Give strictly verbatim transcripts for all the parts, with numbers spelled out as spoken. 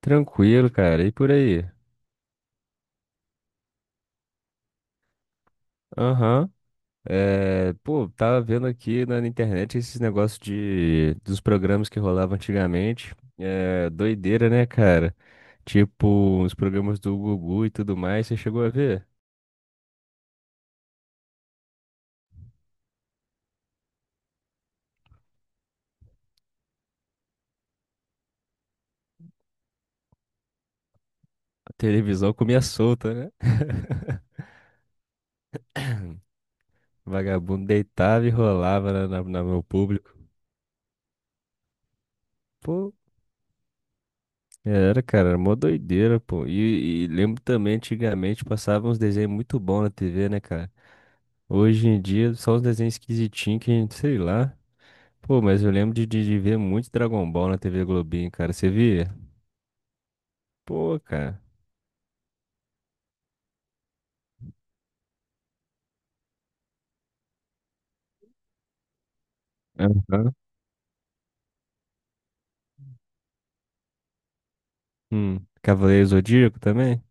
Tranquilo, cara. E por aí? Aham. É, pô, tava vendo aqui na internet esses negócios de, dos programas que rolavam antigamente. É, doideira, né, cara? Tipo, os programas do Gugu e tudo mais. Você chegou a ver? A televisão comia solta, né? Vagabundo deitava e rolava na, na, na- no público. Pô, era, cara, era mó doideira, pô. E, e lembro também, antigamente, passava uns desenhos muito bons na T V, né, cara? Hoje em dia, só os desenhos esquisitinhos que a gente, sei lá. Pô, mas eu lembro de, de, de ver muito Dragon Ball na T V Globinho, cara. Você via? Pô, cara. Aham. Hum. Cavaleiro Zodíaco também?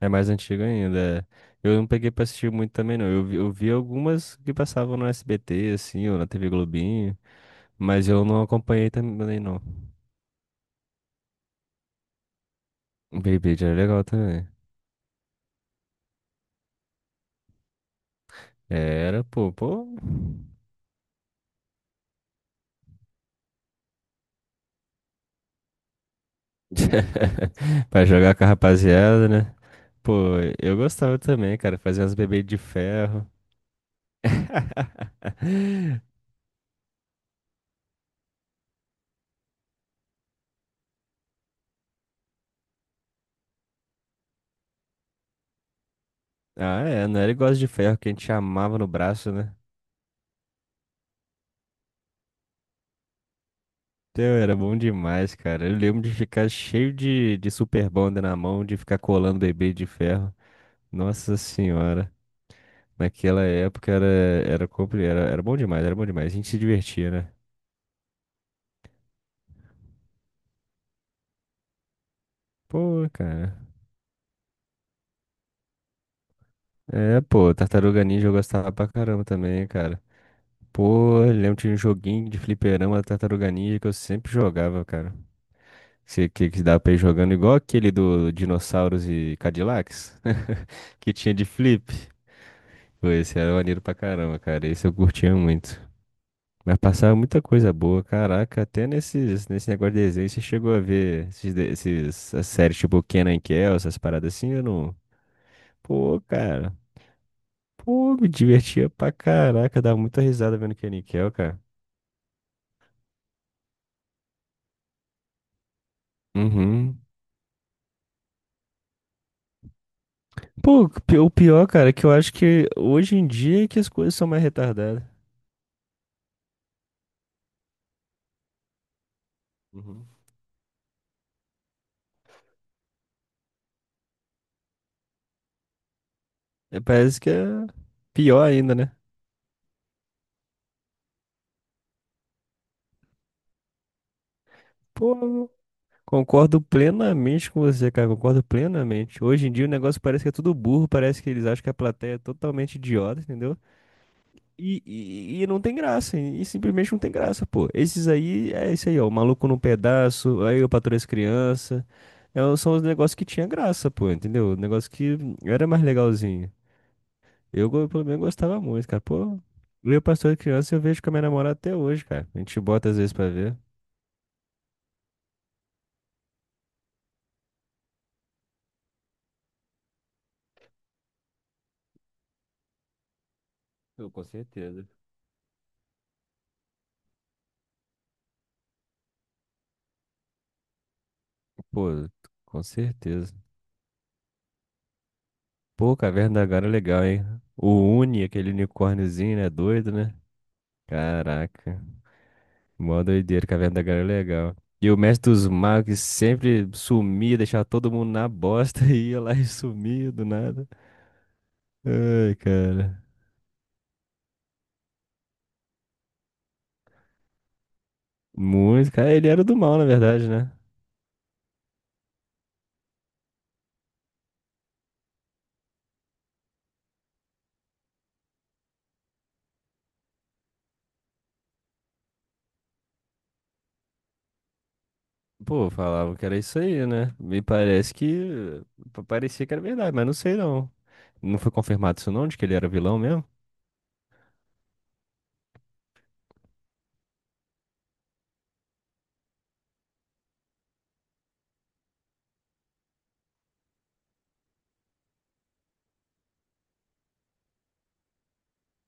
É mais antigo ainda, é. Eu não peguei pra assistir muito também, não. Eu vi, eu vi algumas que passavam no S B T, assim, ou na T V Globinho. Mas eu não acompanhei também, não. Beyblade era legal também. Era, pô, pô. Pra jogar com a rapaziada, né? Pô, eu gostava também, cara, fazer umas bebês de ferro. Ah, é, não era igual as de ferro que a gente amava no braço, né? Teu, era bom demais, cara. Eu lembro de ficar cheio de, de super bonder na mão, de ficar colando bebê de ferro. Nossa senhora. Naquela época era, era, compli- era, era bom demais, era bom demais. A gente se divertia, né? Pô, cara. É, pô, Tartaruga Ninja eu gostava pra caramba também, cara. Pô, eu lembro de um joguinho de fliperama Tartaruga Ninja que eu sempre jogava, cara. Que, que, que dava pra ir jogando igual aquele do Dinossauros e Cadillacs, que tinha de flip. Pô, esse era maneiro pra caramba, cara. Esse eu curtia muito. Mas passava muita coisa boa, caraca. Até nesses, nesse negócio de desenho, você chegou a ver esses, de- esses, as séries tipo Kenan e Kel, essas paradas assim, eu não. Pô, cara. Pô, me divertia pra caraca. Dava muita risada vendo Kenan e Kel, cara. Uhum. Pô, o pi- o pior, cara, é que eu acho que hoje em dia é que as coisas são mais retardadas. Uhum. É, parece que é pior ainda, né? Pô, concordo plenamente com você, cara, concordo plenamente. Hoje em dia o negócio parece que é tudo burro, parece que eles acham que a plateia é totalmente idiota, entendeu? E, e, e não tem graça, e simplesmente não tem graça, pô. Esses aí, é isso aí, ó, o maluco num pedaço, aí o patroa e as crianças. É, são os negócios que tinha graça, pô, entendeu? O negócio que era mais legalzinho. Eu, go- pelo menos, gostava muito, cara. Pô, eu Pastor de Criança eu vejo com a minha namorada até hoje, cara. A gente bota às vezes pra ver. Eu, com certeza. Pô, com certeza. Pô, Caverna da Gaara é legal, hein? O Uni, aquele unicórniozinho, né? Doido, né? Caraca. Mó doideira, Caverna da Gaara é legal. E o Mestre dos Magos que sempre sumia, deixava todo mundo na bosta e ia lá e sumia do nada. Ai, cara. Muito, cara. Ele era do mal, na verdade, né? Pô, falavam que era isso aí, né? Me parece que pa- parecia que era verdade, mas não sei não. Não foi confirmado isso não, de que ele era vilão mesmo?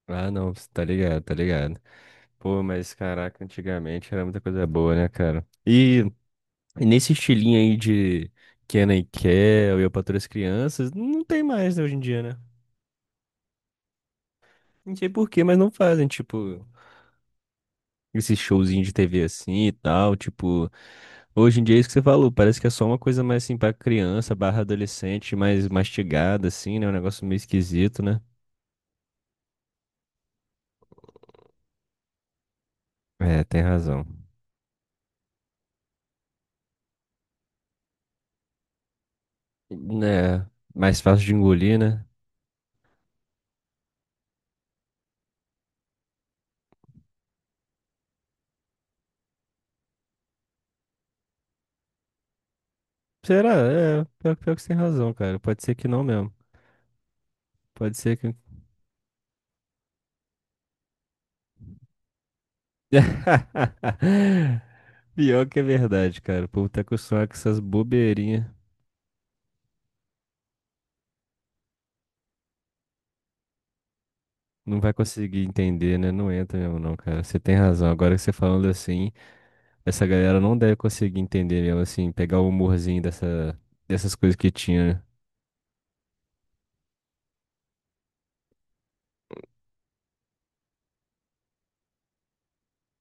Ah, não, cê tá ligado, tá ligado. Pô, mas caraca, antigamente era muita coisa boa, né, cara? E E nesse estilinho aí de Kenna e Kel e Eu, Patroa e as Crianças, não tem mais, né, hoje em dia, né? Não sei por quê, mas não fazem, tipo, esse showzinho de T V assim e tal, tipo. Hoje em dia é isso que você falou, parece que é só uma coisa mais assim pra criança, barra adolescente, mais mastigada assim, né? Um negócio meio esquisito, né? É, tem razão. É, mais fácil de engolir, né? Será? É, pior, pior que você tem razão, cara. Pode ser que não mesmo. Pode ser que. Pior que é verdade, cara. O povo tá acostumado com essas bobeirinhas. Não vai conseguir entender, né? Não entra mesmo, não, cara. Você tem razão. Agora que você falando assim, essa galera não deve conseguir entender mesmo, assim, pegar o humorzinho dessa, dessas coisas que tinha,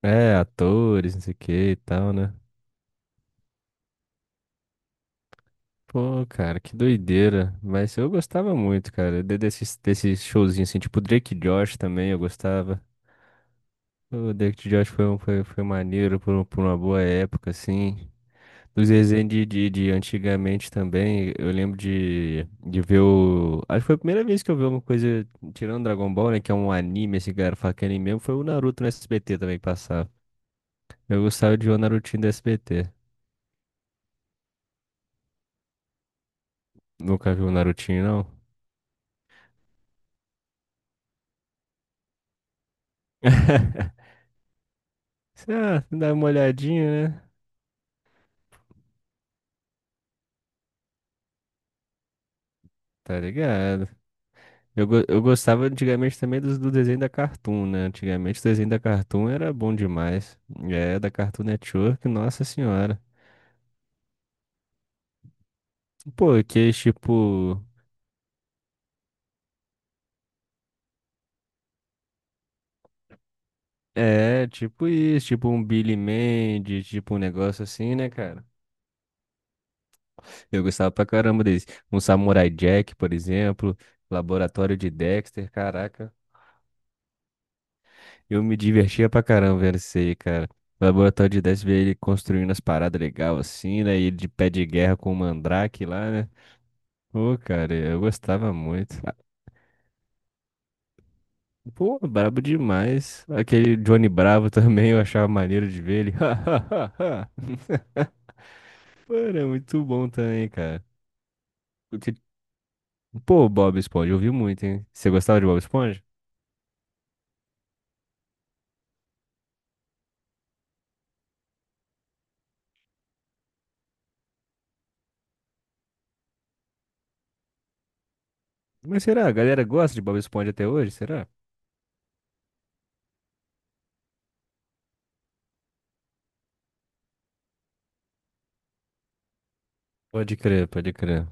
né? É, atores, não sei o que e tal, né? Pô, cara, que doideira. Mas eu gostava muito, cara. de- Desses, desses showzinhos, assim, tipo Drake e Josh também, eu gostava. O Drake e Josh foi, um- foi, foi maneiro por, um- por uma boa época, assim. Os desenhos de, de, de antigamente também, eu lembro de, de ver o. Acho que foi a primeira vez que eu vi uma coisa, tirando Dragon Ball, né? Que é um anime, esse que a fala que é anime mesmo, foi o Naruto no S B T também que passava. Eu gostava de ver o Narutinho do S B T. Nunca vi o Narutinho, não. Ah, dá uma olhadinha, né? Tá ligado? Eu, go- eu gostava antigamente também dos- do desenho da Cartoon, né? Antigamente o desenho da Cartoon era bom demais. É, da Cartoon Network, nossa senhora. Pô, que tipo. É, tipo isso, tipo um Billy Mandy, tipo um negócio assim, né, cara? Eu gostava pra caramba desse. Um Samurai Jack, por exemplo, Laboratório de Dexter, caraca. Eu me divertia pra caramba vendo isso aí, cara. O Laboratório de Dexter, ver ele construindo as paradas legais assim, né? E ele de pé de guerra com o Mandrake lá, né? Pô, cara, eu gostava muito. Ah, pô, brabo demais. Aquele Johnny Bravo também, eu achava maneiro de ver ele. Pô, era muito bom também, cara. Pô, Bob Esponja, eu vi muito, hein? Você gostava de Bob Esponja? Mas será? A galera gosta de Bob Esponja até hoje, será? Pode crer, pode crer.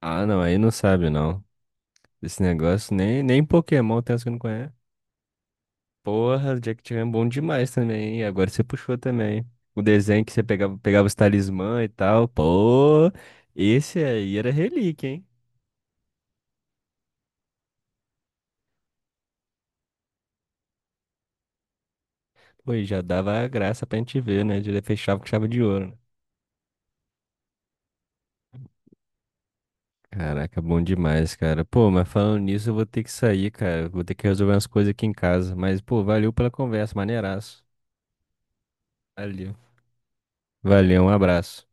Ah, não, aí não sabe, não. Esse negócio, nem, nem Pokémon tem os que não conhece. Porra, Jack Chan é bom demais também, hein? Agora você puxou também, hein? O desenho que você pegava, pegava os talismã e tal. Pô, esse aí era relíquia, hein? Pô, e já dava a graça pra gente ver, né? Já fechava com chave de ouro, né? Caraca, bom demais, cara. Pô, mas falando nisso, eu vou ter que sair, cara. Vou ter que resolver umas coisas aqui em casa. Mas, pô, valeu pela conversa, maneiraço. Valeu. Valeu, um abraço.